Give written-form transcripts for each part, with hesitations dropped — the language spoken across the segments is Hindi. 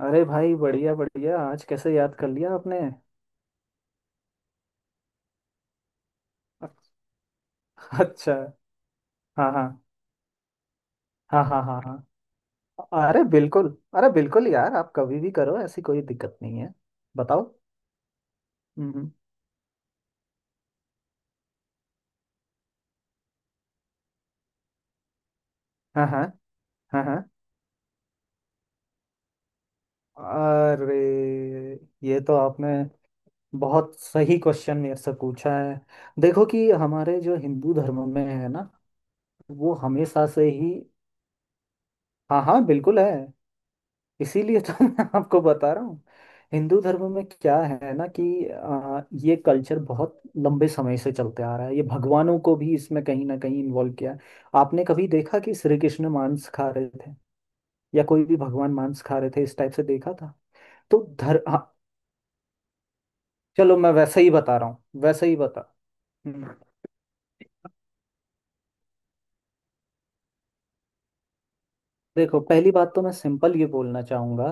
अरे भाई, बढ़िया बढ़िया। आज कैसे याद कर लिया आपने? अच्छा। हाँ हाँ। हाँ हाँ। हाँ हाँ। अरे बिल्कुल। अरे बिल्कुल यार, आप कभी भी करो, ऐसी कोई दिक्कत नहीं है। बताओ। हम्म। हाँ हाँ। हाँ हाँ। अरे, ये तो आपने बहुत सही क्वेश्चन मेरे से पूछा है। देखो कि हमारे जो हिंदू धर्म में है ना, वो हमेशा से ही। हाँ हाँ, बिल्कुल है। इसीलिए तो मैं आपको बता रहा हूँ। हिंदू धर्म में क्या है ना कि ये कल्चर बहुत लंबे समय से चलते आ रहा है। ये भगवानों को भी इसमें कहीं ना कहीं इन्वॉल्व किया है। आपने कभी देखा कि श्री कृष्ण मांस खा रहे थे? या कोई भी भगवान मांस खा रहे थे, इस टाइप से देखा था? तो धर हाँ, चलो मैं वैसे ही बता रहा हूँ, वैसे ही बता। हम्म। देखो, पहली बात तो मैं सिंपल ये बोलना चाहूँगा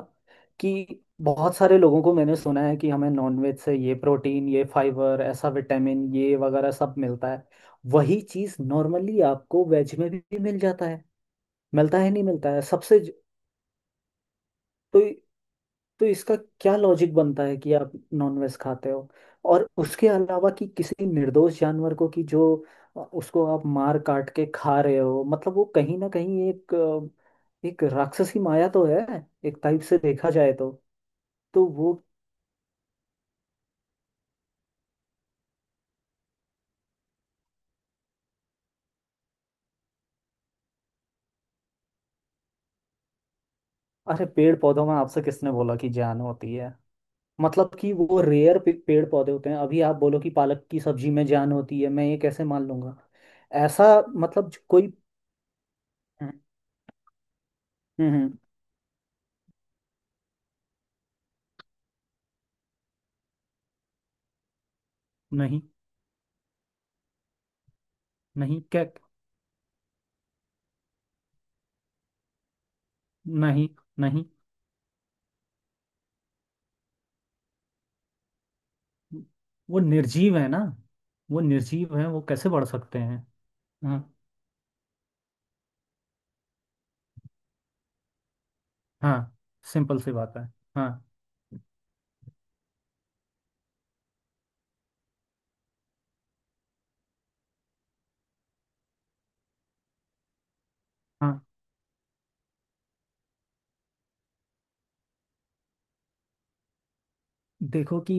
कि बहुत सारे लोगों को मैंने सुना है कि हमें नॉनवेज से ये प्रोटीन, ये फाइबर, ऐसा विटामिन, ये वगैरह सब मिलता है। वही चीज़ नॉर्मली आपको वेज में भी मिल जाता है। मिलता है, नहीं मिलता है सबसे। तो तो इसका क्या लॉजिक बनता है कि आप नॉनवेज खाते हो, और उसके अलावा कि किसी निर्दोष जानवर को कि जो उसको आप मार काट के खा रहे हो, मतलब वो कहीं ना कहीं एक एक राक्षसी माया तो है, एक टाइप से देखा जाए तो। तो वो अरे, पेड़ पौधों में आपसे किसने बोला कि जान होती है? मतलब कि वो रेयर पेड़ पौधे होते हैं। अभी आप बोलो कि पालक की सब्जी में जान होती है, मैं ये कैसे मान लूंगा? ऐसा? मतलब जो कोई हम्म। हम्म। नहीं। नहीं क्या? नहीं। नहीं, वो निर्जीव है ना। वो निर्जीव है, वो कैसे बढ़ सकते हैं? हाँ। हाँ, सिंपल सी बात है। हाँ। हाँ। देखो कि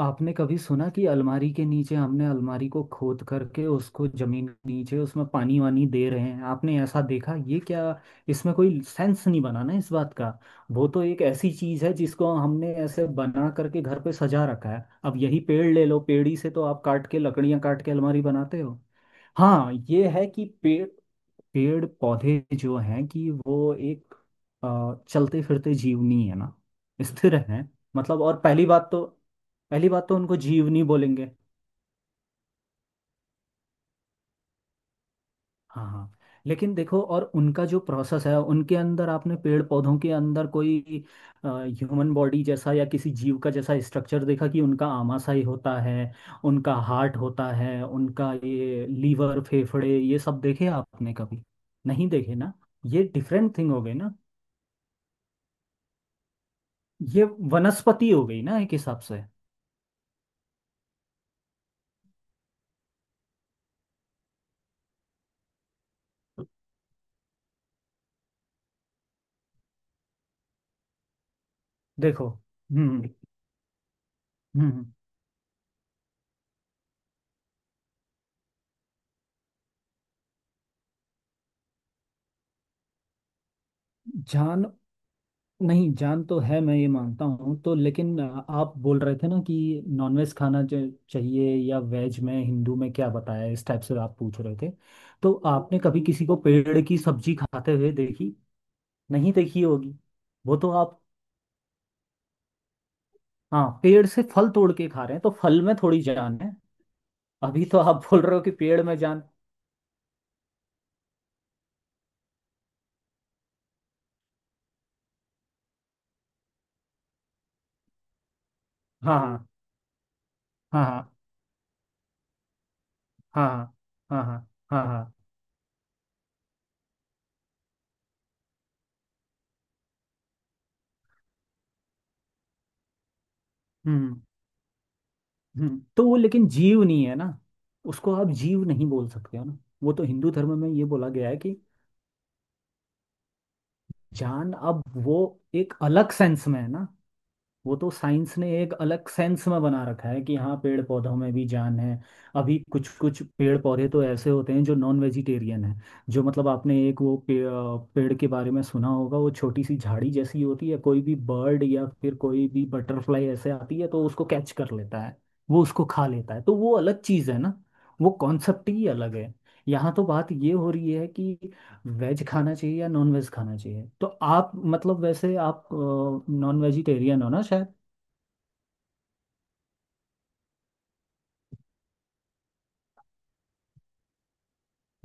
आपने कभी सुना कि अलमारी के नीचे हमने अलमारी को खोद करके उसको जमीन के नीचे उसमें पानी वानी दे रहे हैं? आपने ऐसा देखा ये क्या? इसमें कोई सेंस नहीं बना ना इस बात का। वो तो एक ऐसी चीज है जिसको हमने ऐसे बना करके घर पे सजा रखा है। अब यही पेड़ ले लो, पेड़ ही से तो आप काट के लकड़ियां, काट के अलमारी बनाते हो। हाँ, ये है कि पेड़ पेड़ पौधे जो हैं कि वो एक चलते फिरते जीवनी है ना, स्थिर है। मतलब, और पहली बात तो उनको जीवनी बोलेंगे। हाँ हाँ। लेकिन देखो, और उनका जो प्रोसेस है, उनके अंदर, आपने पेड़ पौधों के अंदर कोई ह्यूमन बॉडी जैसा या किसी जीव का जैसा स्ट्रक्चर देखा कि उनका आमाशय होता है, उनका हार्ट होता है, उनका ये लीवर फेफड़े ये सब देखे आपने कभी? नहीं देखे ना? ये डिफरेंट थिंग हो गई ना। ये वनस्पति हो गई ना, एक हिसाब से। देखो। हम्म। हम्म। जान नहीं, जान तो है, मैं ये मानता हूँ तो। लेकिन आप बोल रहे थे ना कि नॉनवेज खाना चाहिए, या वेज में हिंदू में क्या बताया, इस टाइप से आप पूछ रहे थे। तो आपने कभी किसी को पेड़ की सब्जी खाते हुए देखी? नहीं देखी होगी। वो तो आप हाँ, पेड़ से फल तोड़ के खा रहे हैं तो फल में थोड़ी जान है। अभी तो आप बोल रहे हो कि पेड़ में जान। हाँ हाँ हाँ हाँ हाँ हाँ। हाँ हाँ। हाँ हाँ। हाँ, हम्म। तो वो लेकिन जीव नहीं है ना, उसको आप जीव नहीं बोल सकते हो ना। वो तो हिंदू धर्म में ये बोला गया है कि जान, अब वो एक अलग सेंस में है ना। वो तो साइंस ने एक अलग सेंस में बना रखा है कि हाँ, पेड़ पौधों में भी जान है। अभी कुछ कुछ पेड़ पौधे तो ऐसे होते हैं जो नॉन वेजिटेरियन है, जो मतलब आपने एक पेड़ के बारे में सुना होगा, वो छोटी सी झाड़ी जैसी होती है। कोई भी बर्ड या फिर कोई भी बटरफ्लाई ऐसे आती है तो उसको कैच कर लेता है, वो उसको खा लेता है। तो वो अलग चीज़ है ना, वो कॉन्सेप्ट ही अलग है। यहाँ तो बात ये हो रही है कि वेज खाना चाहिए या नॉन वेज खाना चाहिए। तो आप मतलब वैसे आप नॉन वेजिटेरियन हो ना शायद।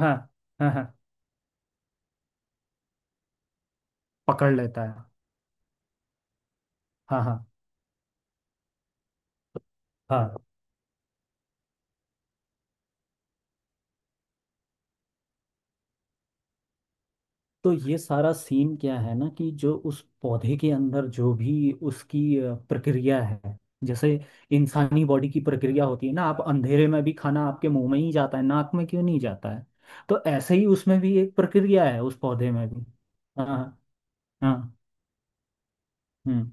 हाँ हाँ। हाँ, पकड़ लेता है। हाँ हाँ। हाँ, तो ये सारा सीन क्या है ना कि जो उस पौधे के अंदर जो भी उसकी प्रक्रिया है, जैसे इंसानी बॉडी की प्रक्रिया होती है ना, आप अंधेरे में भी खाना आपके मुंह में ही जाता है, नाक में क्यों नहीं जाता है? तो ऐसे ही उसमें भी एक प्रक्रिया है, उस पौधे में भी। हाँ। हाँ। हम्म।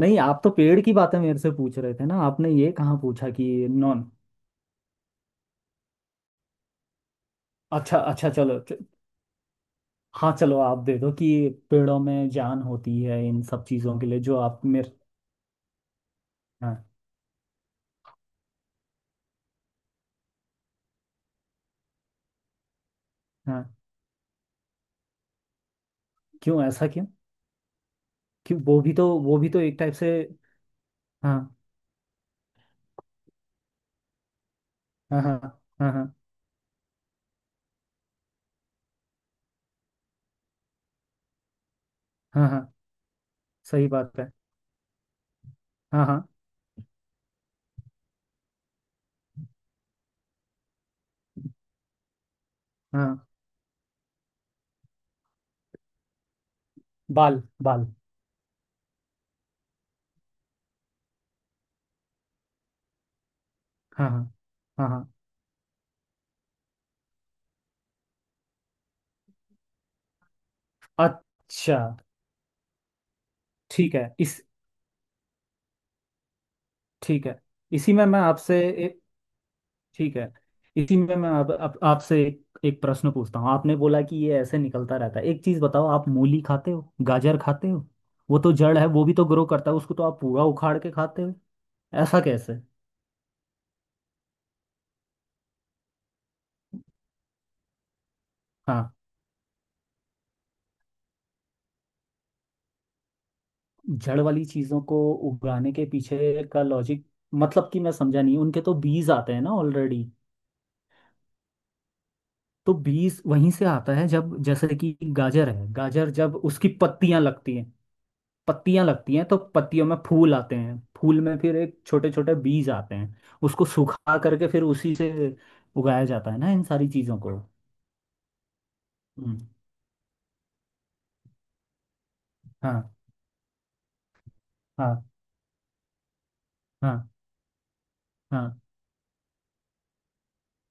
नहीं, आप तो पेड़ की बातें मेरे से पूछ रहे थे ना, आपने ये कहाँ पूछा कि नॉन? अच्छा अच्छा चलो च, हाँ, चलो आप दे दो कि पेड़ों में जान होती है, इन सब चीज़ों के लिए जो आप मेरे। हाँ हाँ, क्यों? ऐसा क्यों? क्यों, वो भी तो, वो भी तो एक टाइप से। हाँ हाँ हाँ हाँ हाँ हाँ। हाँ, सही बात है। हाँ हाँ। हाँ, बाल बाल। हाँ हाँ। हाँ हाँ। अच्छा। ठीक है। इस ठीक है। इसी में मैं आपसे ए- ठीक है। इसी में मैं अब आपसे एक प्रश्न पूछता हूँ। आपने बोला कि ये ऐसे निकलता रहता है। एक चीज बताओ, आप मूली खाते हो, गाजर खाते हो। वो तो जड़ है, वो भी तो ग्रो करता है, उसको तो आप पूरा उखाड़ के खाते हो। ऐसा कैसे? हाँ, जड़ वाली चीजों को उगाने के पीछे का लॉजिक, मतलब कि मैं समझा नहीं, उनके तो बीज आते हैं ना ऑलरेडी। तो बीज वहीं से आता है, जब जैसे कि गाजर है, गाजर जब उसकी पत्तियां लगती हैं, पत्तियां लगती हैं तो पत्तियों में फूल आते हैं, फूल में फिर एक छोटे छोटे बीज आते हैं। उसको सुखा करके फिर उसी से उगाया जाता है ना, इन सारी चीजों को। हम्म, हाँ हाँ हाँ हाँ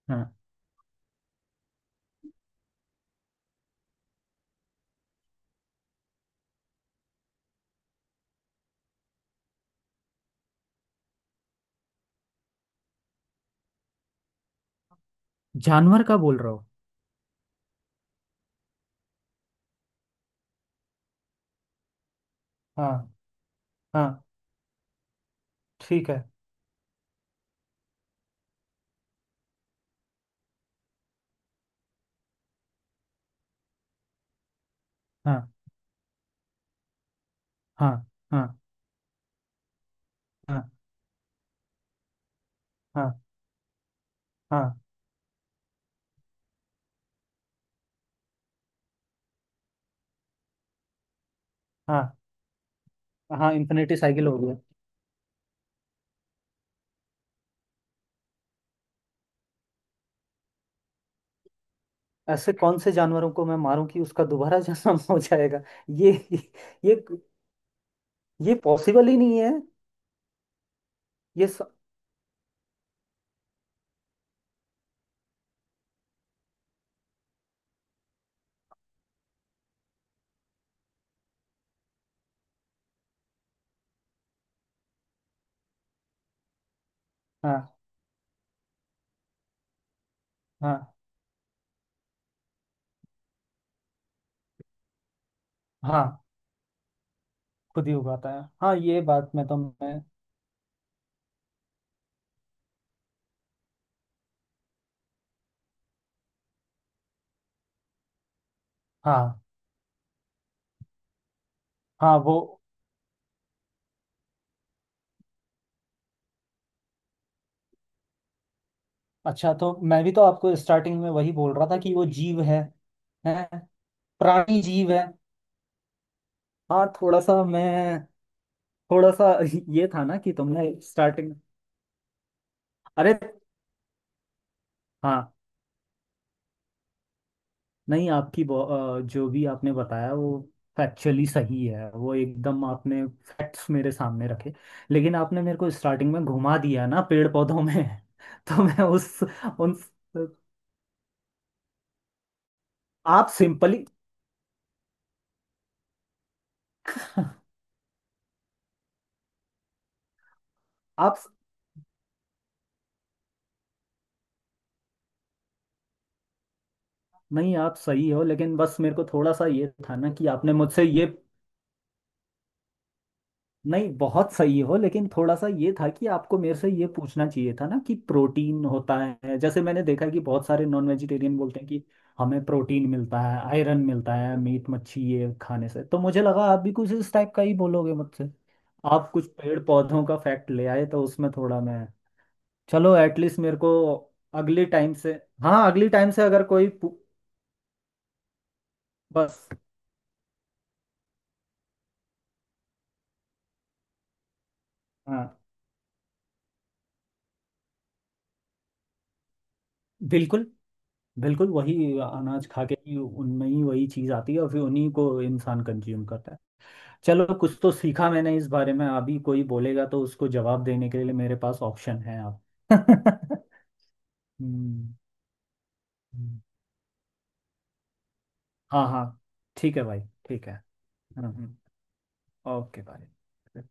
हाँ। जानवर का बोल रहे हो? हाँ हाँ, ठीक है। हाँ हाँ हाँ हाँ हाँ हाँ हाँ हाँ, इन्फिनिटी साइकिल हो गया। ऐसे कौन से जानवरों को मैं मारूं कि उसका दोबारा जन्म हो जाएगा? ये ये ये पॉसिबल ही नहीं है। ये स... हाँ हाँ। हाँ, खुद ही उगाता है, हाँ, ये बात में तो मैं। हाँ हाँ। वो अच्छा, तो मैं भी तो आपको स्टार्टिंग में वही बोल रहा था कि वो जीव है, है प्राणी जीव है। हाँ, थोड़ा सा ये था ना कि तुमने स्टार्टिंग। अरे हाँ। नहीं, आपकी जो भी आपने बताया वो फैक्चुअली सही है, वो एकदम आपने फैक्ट्स मेरे सामने रखे, लेकिन आपने मेरे को स्टार्टिंग में घुमा दिया ना पेड़ पौधों में तो मैं उस उन आप सिंपली आप, नहीं, आप सही हो, लेकिन बस मेरे को थोड़ा सा ये था ना कि आपने मुझसे ये। नहीं, बहुत सही हो, लेकिन थोड़ा सा ये था कि आपको मेरे से ये पूछना चाहिए था ना कि प्रोटीन होता है, जैसे मैंने देखा कि बहुत सारे नॉन वेजिटेरियन बोलते हैं कि हमें प्रोटीन मिलता है, आयरन मिलता है, मीट मच्छी ये खाने से। तो मुझे लगा आप भी कुछ इस टाइप का ही बोलोगे मुझसे। आप कुछ पेड़ पौधों का फैक्ट ले आए, तो उसमें थोड़ा मैं। चलो, एटलीस्ट मेरे को अगली टाइम से। हाँ, अगली टाइम से अगर कोई बस। हाँ। बिल्कुल, बिल्कुल वही अनाज खा के ही उनमें ही वही चीज़ आती है और फिर उन्हीं को इंसान कंज्यूम करता है। चलो, कुछ तो सीखा मैंने इस बारे में, अभी कोई बोलेगा तो उसको जवाब देने के लिए मेरे पास ऑप्शन है अब। हम्म। हम्म। हाँ हाँ, ठीक है भाई। ठीक है। हम्म हम्म। ओके भाई।